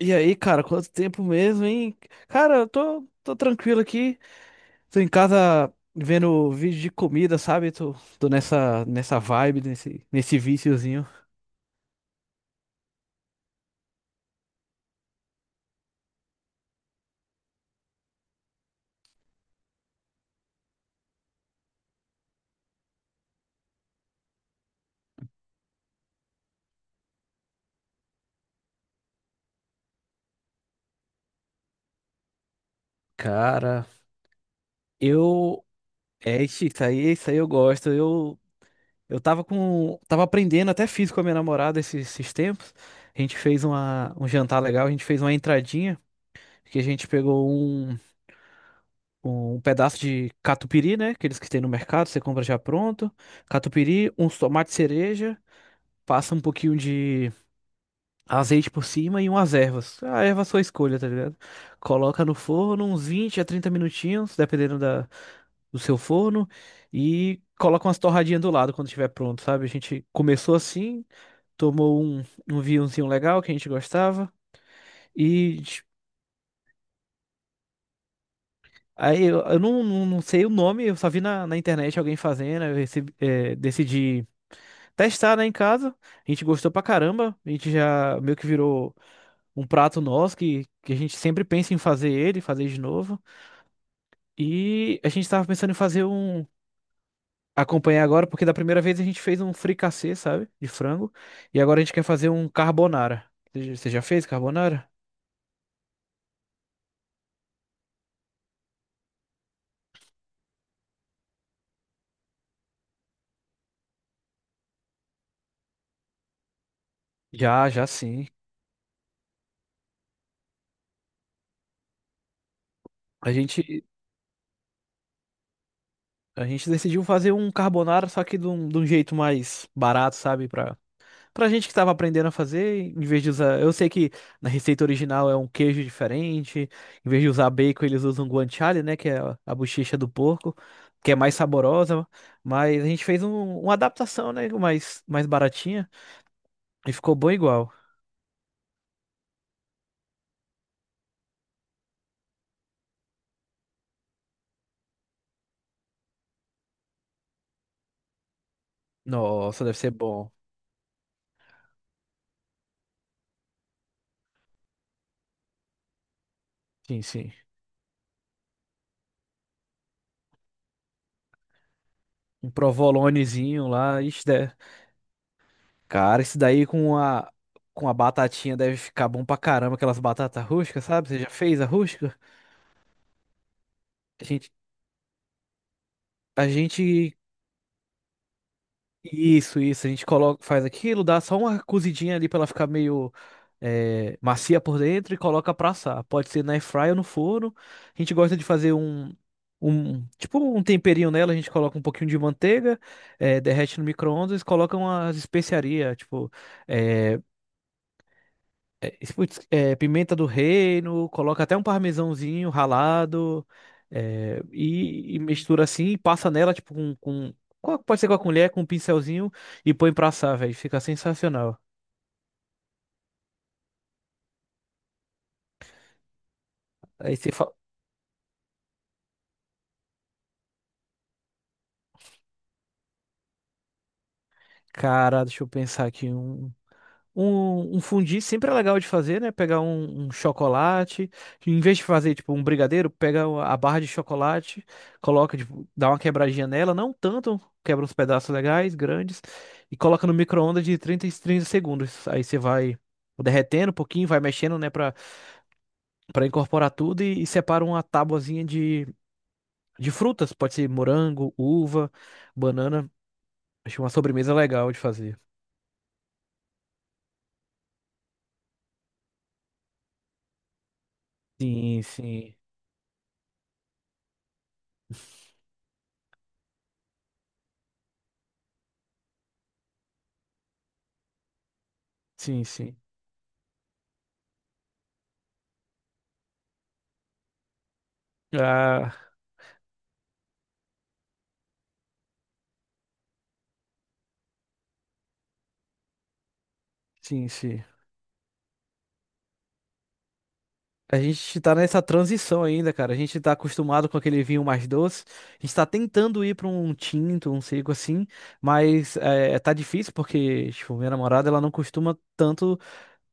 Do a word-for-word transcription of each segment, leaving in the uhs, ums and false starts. E aí, cara, quanto tempo mesmo, hein? Cara, eu tô, tô tranquilo aqui. Tô em casa vendo vídeo de comida, sabe? Tô, tô nessa, nessa vibe, nesse, nesse viciozinho. Cara, eu. É, ixi, isso aí, isso aí eu gosto. Eu, eu tava com. Tava aprendendo, até fiz com a minha namorada esses, esses tempos. A gente fez uma, um jantar legal, a gente fez uma entradinha, que a gente pegou um. Um pedaço de catupiry, né? Aqueles que tem no mercado, você compra já pronto. Catupiry, uns tomates cereja, passa um pouquinho de azeite por cima e umas ervas. A erva é sua escolha, tá ligado? Coloca no forno uns vinte a trinta minutinhos, dependendo da, do seu forno, e coloca umas torradinhas do lado quando estiver pronto, sabe? A gente começou assim, tomou um, um vinhozinho legal que a gente gostava e Aí eu, eu não, não, não sei o nome, eu só vi na, na internet alguém fazendo, eu recebi, eh, decidi testar, né, em casa. A gente gostou pra caramba. A gente já meio que virou um prato nosso que, que a gente sempre pensa em fazer ele, fazer de novo. E a gente tava pensando em fazer um. Acompanhar agora, porque da primeira vez a gente fez um fricassê, sabe? De frango. E agora a gente quer fazer um carbonara. Você já você já fez carbonara? Já, já sim. A gente, a gente decidiu fazer um carbonara, só que de um, de um jeito mais barato, sabe? Pra Pra gente que tava aprendendo a fazer, em vez de usar. Eu sei que na receita original é um queijo diferente. Em vez de usar bacon, eles usam guanciale, né? Que é a a bochecha do porco, que é mais saborosa. Mas a gente fez um- uma adaptação, né? Mais, mais baratinha. E ficou bom igual. Nossa, deve ser bom. Sim, sim. Um provolonezinho lá. Ixi, deve- Cara, isso daí com a, com a batatinha deve ficar bom pra caramba. Aquelas batatas rústicas, sabe? Você já fez a rústica? A gente. A gente Isso, isso. A gente coloca, faz aquilo, dá só uma cozidinha ali pra ela ficar meio é, macia por dentro e coloca pra assar. Pode ser na air fryer ou no forno. A gente gosta de fazer um, um tipo um temperinho nela. A gente coloca um pouquinho de manteiga, é, derrete no micro-ondas, coloca umas especiarias, tipo eh, é, putz, é, pimenta do reino, coloca até um parmesãozinho ralado é, e, e mistura assim, e passa nela, tipo, com, com- com a- pode ser com a colher, com um pincelzinho e põe pra assar, velho. Fica sensacional. Aí você fala, cara, deixa eu pensar aqui um. Um, um fondue sempre é legal de fazer, né? Pegar um, um chocolate, em vez de fazer tipo um brigadeiro, pega a barra de chocolate, coloca, tipo, dá uma quebradinha nela, não tanto, quebra uns pedaços legais, grandes, e coloca no micro-ondas de trinta e trinta segundos. Aí você vai derretendo um pouquinho, vai mexendo, né, Pra para incorporar tudo e, e separa uma tabuazinha de, de frutas, pode ser morango, uva, banana. Acho uma sobremesa legal de fazer. Sim, sim, sim, sim. Ah, sim, sim. A gente tá nessa transição ainda, cara. A gente tá acostumado com aquele vinho mais doce. A gente tá tentando ir pra um tinto, um seco assim, mas é, tá difícil porque, tipo, minha namorada, ela não costuma tanto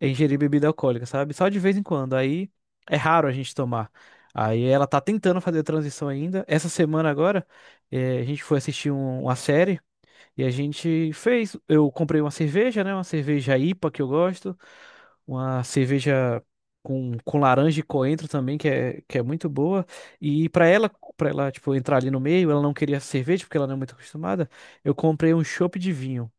ingerir bebida alcoólica, sabe? Só de vez em quando. Aí é raro a gente tomar. Aí ela tá tentando fazer a transição ainda. Essa semana agora, é, a gente foi assistir um- uma série. E a gente fez. Eu comprei uma cerveja, né? Uma cerveja I P A que eu gosto. Uma cerveja com, com laranja e coentro também, que é, que é muito boa. E para ela, para ela, tipo, entrar ali no meio, ela não queria cerveja, porque ela não é muito acostumada. Eu comprei um chopp de vinho.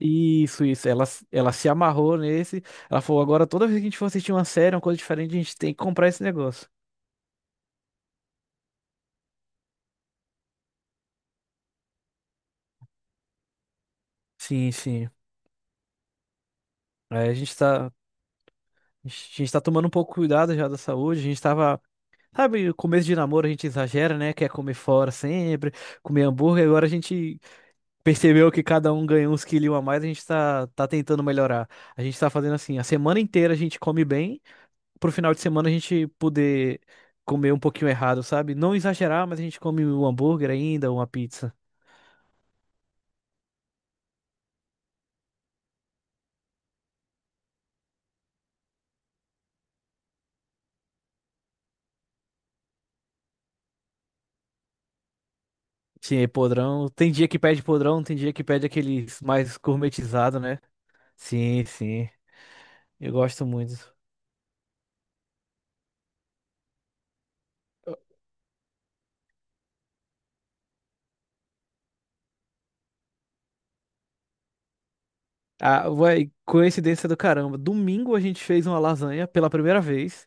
Isso, isso. Ela, s- ela se amarrou nesse. Ela falou: agora toda vez que a gente for assistir uma série, uma coisa diferente, a gente tem que comprar esse negócio. Sim, sim. Aí a gente tá, a gente tá tomando um pouco cuidado já da saúde. A gente tava. Sabe, o começo de namoro a gente exagera, né? Quer comer fora sempre, comer hambúrguer. Agora a gente percebeu que cada um ganhou uns quilinhos a mais, a gente tá, tá tentando melhorar. A gente tá fazendo assim, a semana inteira a gente come bem, pro final de semana a gente poder comer um pouquinho errado, sabe? Não exagerar, mas a gente come um hambúrguer ainda, uma pizza. Sim, podrão. Tem dia que pede podrão, tem dia que pede aqueles mais gourmetizados, né? Sim, sim. Eu gosto muito. Ah, ué, coincidência do caramba. Domingo a gente fez uma lasanha pela primeira vez.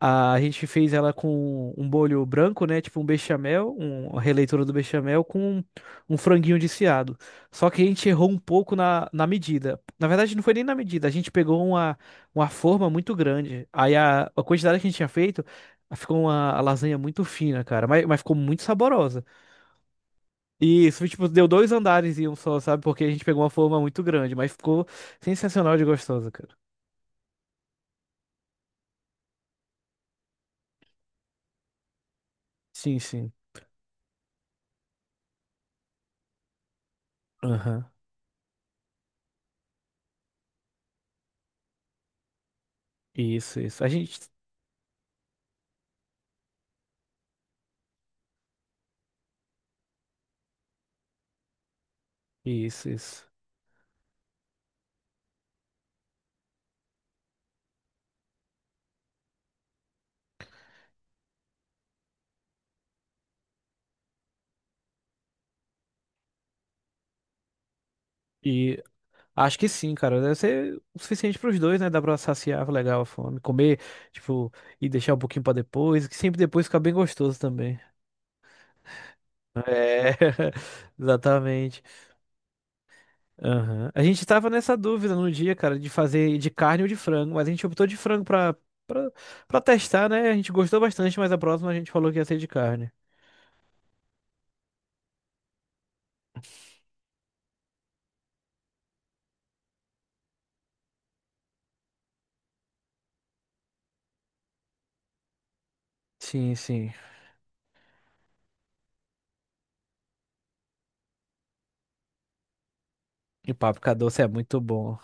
Ah, a gente fez ela com um bolho branco, né? Tipo um bechamel, um- uma releitura do bechamel com um franguinho desfiado. Só que a gente errou um pouco na, na medida. Na verdade, não foi nem na medida. A gente pegou uma, uma forma muito grande. Aí a, a quantidade que a gente tinha feito ficou uma lasanha muito fina, cara. Mas, mas ficou muito saborosa. Isso, tipo, deu dois andares e um só, sabe? Porque a gente pegou uma forma muito grande, mas ficou sensacional de gostosa, cara. Sim, sim. Aham. Isso, isso. A gente. Isso, isso. E acho que sim, cara. Deve ser o suficiente pros dois, né? Dá pra saciar legal a fome. Comer, tipo, e deixar um pouquinho pra depois, que sempre depois fica bem gostoso também. É, exatamente. Aham. A gente tava nessa dúvida no dia, cara, de fazer de carne ou de frango, mas a gente optou de frango pra, pra, pra testar, né? A gente gostou bastante, mas a próxima a gente falou que ia ser de carne. Sim, sim. E páprica doce é muito bom.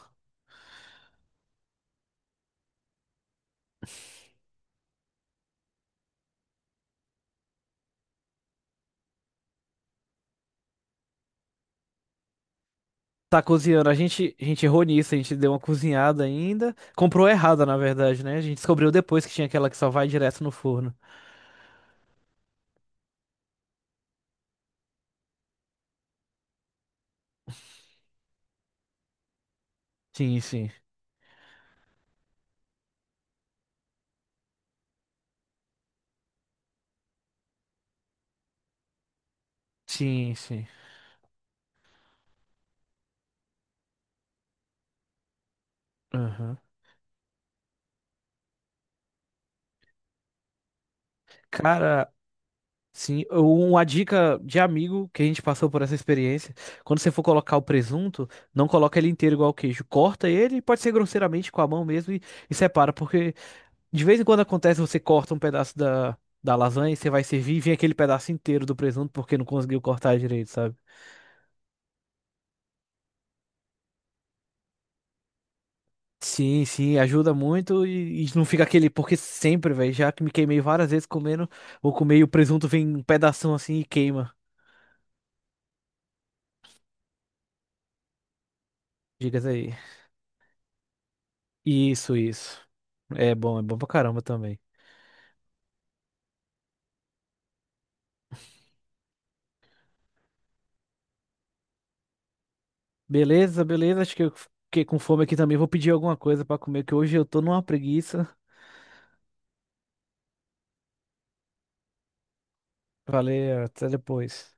Tá cozinhando, a gente, a gente errou nisso, a gente deu uma cozinhada ainda. Comprou errada, na verdade, né? A gente descobriu depois que tinha aquela que só vai direto no forno. Sim, sim. Sim, sim. Aham. Cara, Sim, uma dica de amigo que a gente passou por essa experiência. Quando você for colocar o presunto, não coloca ele inteiro igual o queijo. Corta ele, pode ser grosseiramente com a mão mesmo e, e separa, porque de vez em quando acontece você corta um pedaço da, da lasanha e você vai servir e vem aquele pedaço inteiro do presunto porque não conseguiu cortar direito, sabe? Sim, sim, ajuda muito e, e não fica aquele, porque sempre, velho, já que me queimei várias vezes comendo, vou comer e o presunto vem um pedação assim e queima. Dicas aí. Isso, isso. É bom, é bom pra caramba também. Beleza, beleza. Acho que eu fiquei com fome aqui também. Vou pedir alguma coisa pra comer, que hoje eu tô numa preguiça. Valeu, até depois.